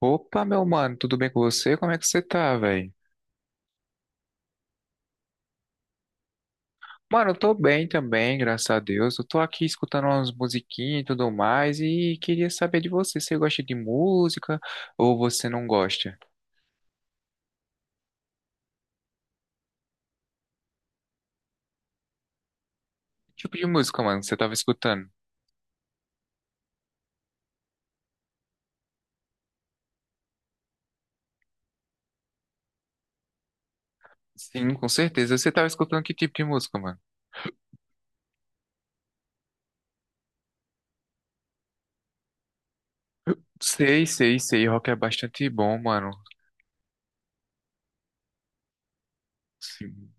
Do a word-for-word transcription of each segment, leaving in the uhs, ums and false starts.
Opa, meu mano, tudo bem com você? Como é que você tá, velho? Mano, eu tô bem também, graças a Deus. Eu tô aqui escutando umas musiquinhas e tudo mais e queria saber de você. Você gosta de música ou você não gosta? Que tipo de música, mano, você tava escutando? Sim, com certeza. Você tava escutando que tipo de música, mano? Sei, sei, sei. Rock é bastante bom, mano. Sim.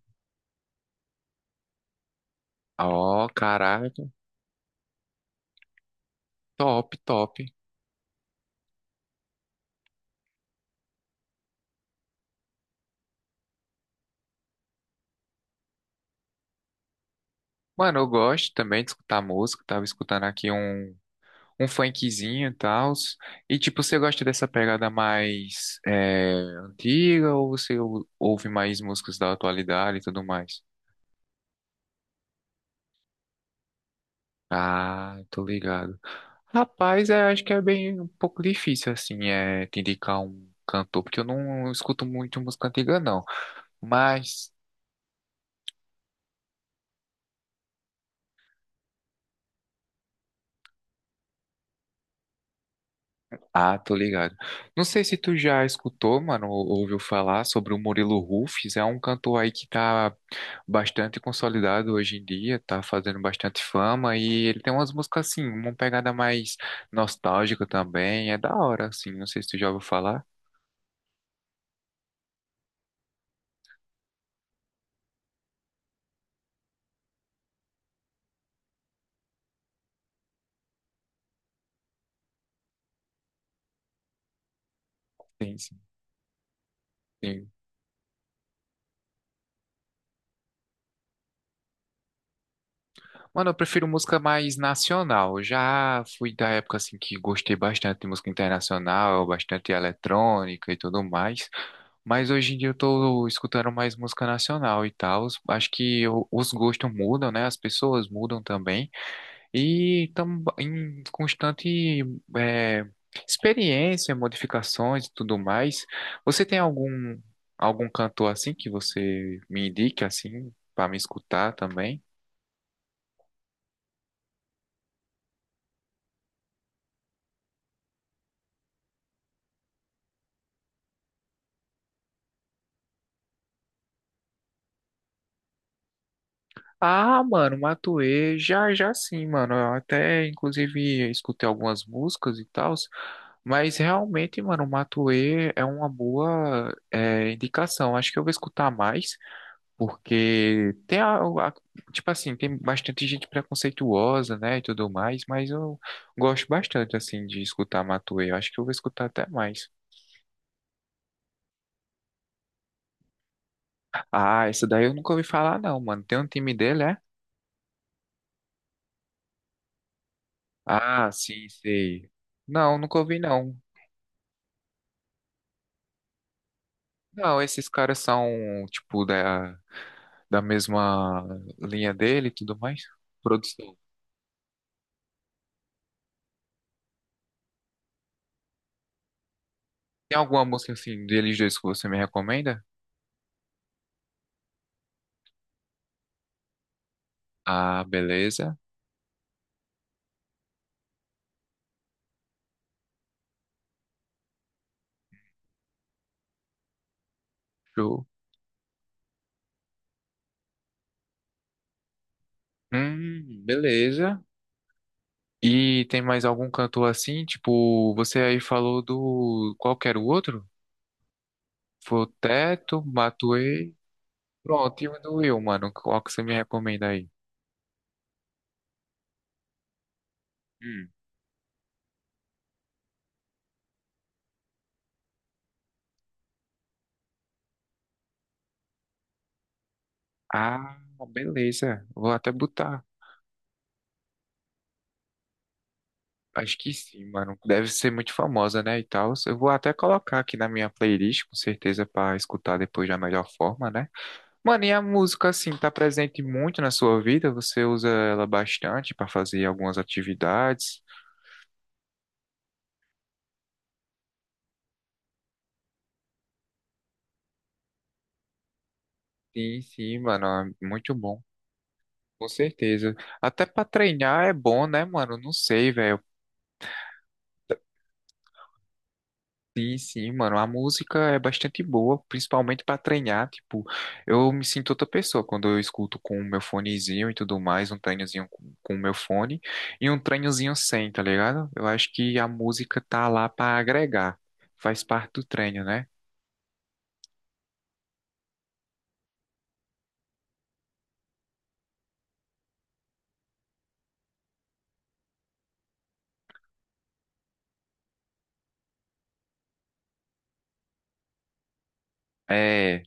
Ó, caraca. Top, top. Mano, eu gosto também de escutar música. Tava escutando aqui um. um funkzinho e tal. E tipo, você gosta dessa pegada mais é, antiga ou você ou- ouve mais músicas da atualidade e tudo mais? Ah, tô ligado. Rapaz, é, acho que é bem um pouco difícil assim, é, te indicar um cantor, porque eu não escuto muito música antiga, não. Mas ah, tô ligado. Não sei se tu já escutou, mano, ou ouviu falar sobre o Murilo Rufis. É um cantor aí que tá bastante consolidado hoje em dia, tá fazendo bastante fama e ele tem umas músicas assim, uma pegada mais nostálgica também. É da hora, assim. Não sei se tu já ouviu falar. Sim, sim. Sim. Mano, eu prefiro música mais nacional. Eu já fui da época assim que gostei bastante de música internacional, bastante eletrônica e tudo mais. Mas hoje em dia eu tô escutando mais música nacional e tal. Acho que o- os gostos mudam, né? As pessoas mudam também. E estamos em constante é, experiência, modificações e tudo mais. Você tem algum algum cantor assim que você me indique assim para me escutar também? Ah, mano, Matuê, já, já sim, mano. Eu até, inclusive, escutei algumas músicas e tal, mas realmente, mano, Matuê é uma boa é, indicação. Acho que eu vou escutar mais, porque tem a, a- tipo assim, tem bastante gente preconceituosa, né, e tudo mais, mas eu gosto bastante, assim, de escutar Matuê. Eu acho que eu vou escutar até mais. Ah, essa daí eu nunca ouvi falar, não, mano. Tem um time dele, é? Ah, sim, sei. Não, nunca ouvi, não. Não, esses caras são, tipo, da, da mesma linha dele e tudo mais. Produção. Tem alguma música, assim, deles dois que você me recomenda? Ah, beleza. Show. Hum, beleza. E tem mais algum cantor assim? Tipo, você aí falou do... Qual que era o outro? Foi o Teto, Matuê. Pronto, e o do Will, mano. Qual que você me recomenda aí? Hum. Ah, beleza. Vou até botar. Acho que sim, mano. Deve ser muito famosa, né? E tal. Eu vou até colocar aqui na minha playlist, com certeza, pra escutar depois da melhor forma, né? Mano, e a música, assim, tá presente muito na sua vida? Você usa ela bastante pra fazer algumas atividades? Sim, sim, mano. É muito bom. Com certeza. Até pra treinar é bom, né, mano? Não sei, velho. Sim, sim, mano. A música é bastante boa, principalmente pra treinar. Tipo, eu me sinto outra pessoa quando eu escuto com o meu fonezinho e tudo mais, um treinozinho com com o meu fone e um treinozinho sem, tá ligado? Eu acho que a música tá lá pra agregar. Faz parte do treino, né? É,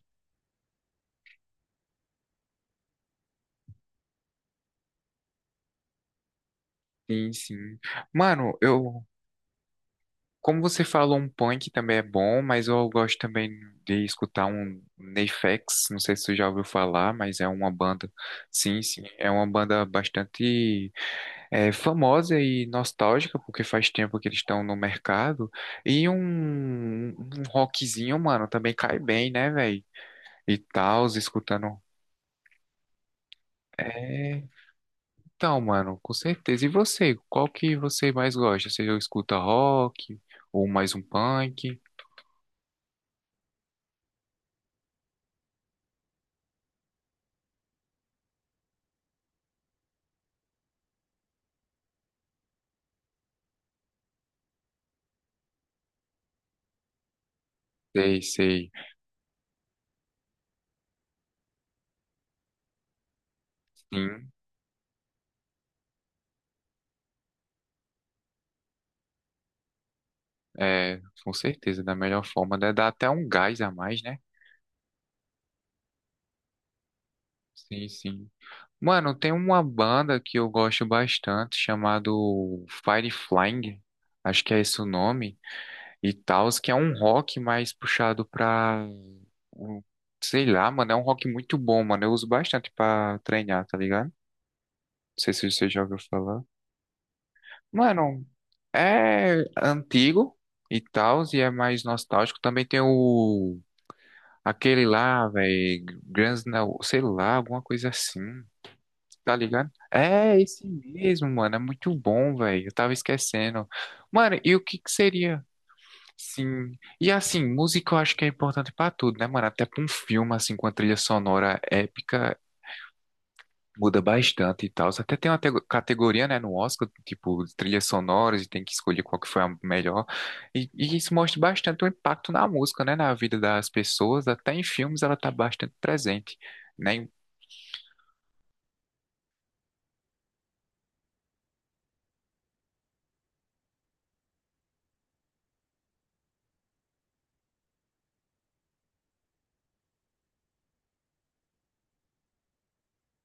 sim, sim. Mano, eu como você falou, um punk também é bom, mas eu gosto também de escutar um Nefex, não sei se você já ouviu falar, mas é uma banda, sim, sim, é uma banda bastante é, famosa e nostálgica, porque faz tempo que eles estão no mercado, e um, um rockzinho, mano, também cai bem, né, velho? E tal, escutando... É, então, mano, com certeza. E você, qual que você mais gosta? Você escuta rock ou mais um punk? Sei, sei. Sim. É, com certeza, da melhor forma. Dá dá até um gás a mais, né? Sim, sim. Mano, tem uma banda que eu gosto bastante, chamado Firefly, acho que é esse o nome, e tal, que é um rock mais puxado pra, um- sei lá, mano, é um rock muito bom, mano. Eu uso bastante pra treinar, tá ligado? Não sei se você já ouviu falar. Mano, é antigo e tal, e é mais nostálgico. Também tem o aquele lá, velho, Guns N' Roses, sei lá, alguma coisa assim, tá ligado? É, esse mesmo, mano, é muito bom, velho, eu tava esquecendo. Mano, e o que que seria? Sim, e assim, música eu acho que é importante pra tudo, né, mano? Até pra um filme, assim, com a trilha sonora épica, muda bastante e tal. Até tem uma tego- categoria, né, no Oscar, tipo, de trilhas sonoras, e tem que escolher qual que foi a melhor. E, e isso mostra bastante o impacto na música, né, na vida das pessoas. Até em filmes ela tá bastante presente, né?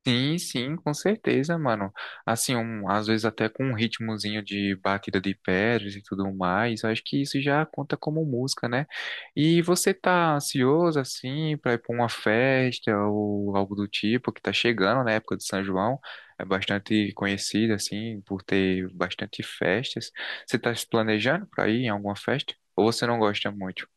Sim, sim, com certeza, mano. Assim, um- às vezes até com um ritmozinho de batida de pedras e tudo mais, eu acho que isso já conta como música, né? E você tá ansioso, assim, pra ir pra uma festa ou algo do tipo, que tá chegando na época de São João, é bastante conhecida, assim, por ter bastante festas. Você tá se planejando pra ir em alguma festa? Ou você não gosta muito?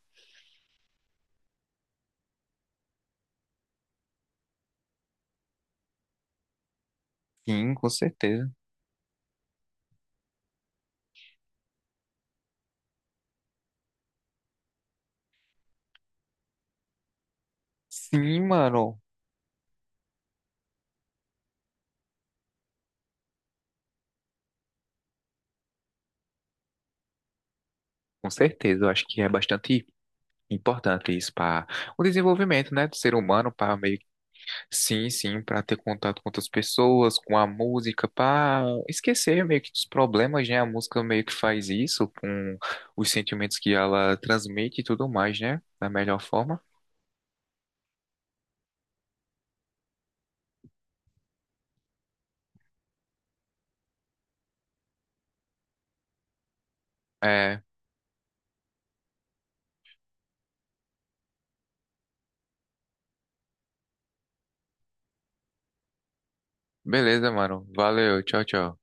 Sim, com certeza. Sim, mano, com certeza. Eu acho que é bastante importante isso para o desenvolvimento, né, do ser humano, para meio que- sim, sim, para ter contato com outras pessoas, com a música, para esquecer meio que dos problemas, né? A música meio que faz isso com os sentimentos que ela transmite e tudo mais, né? Da melhor forma. É, beleza, mano. Valeu, tchau, tchau.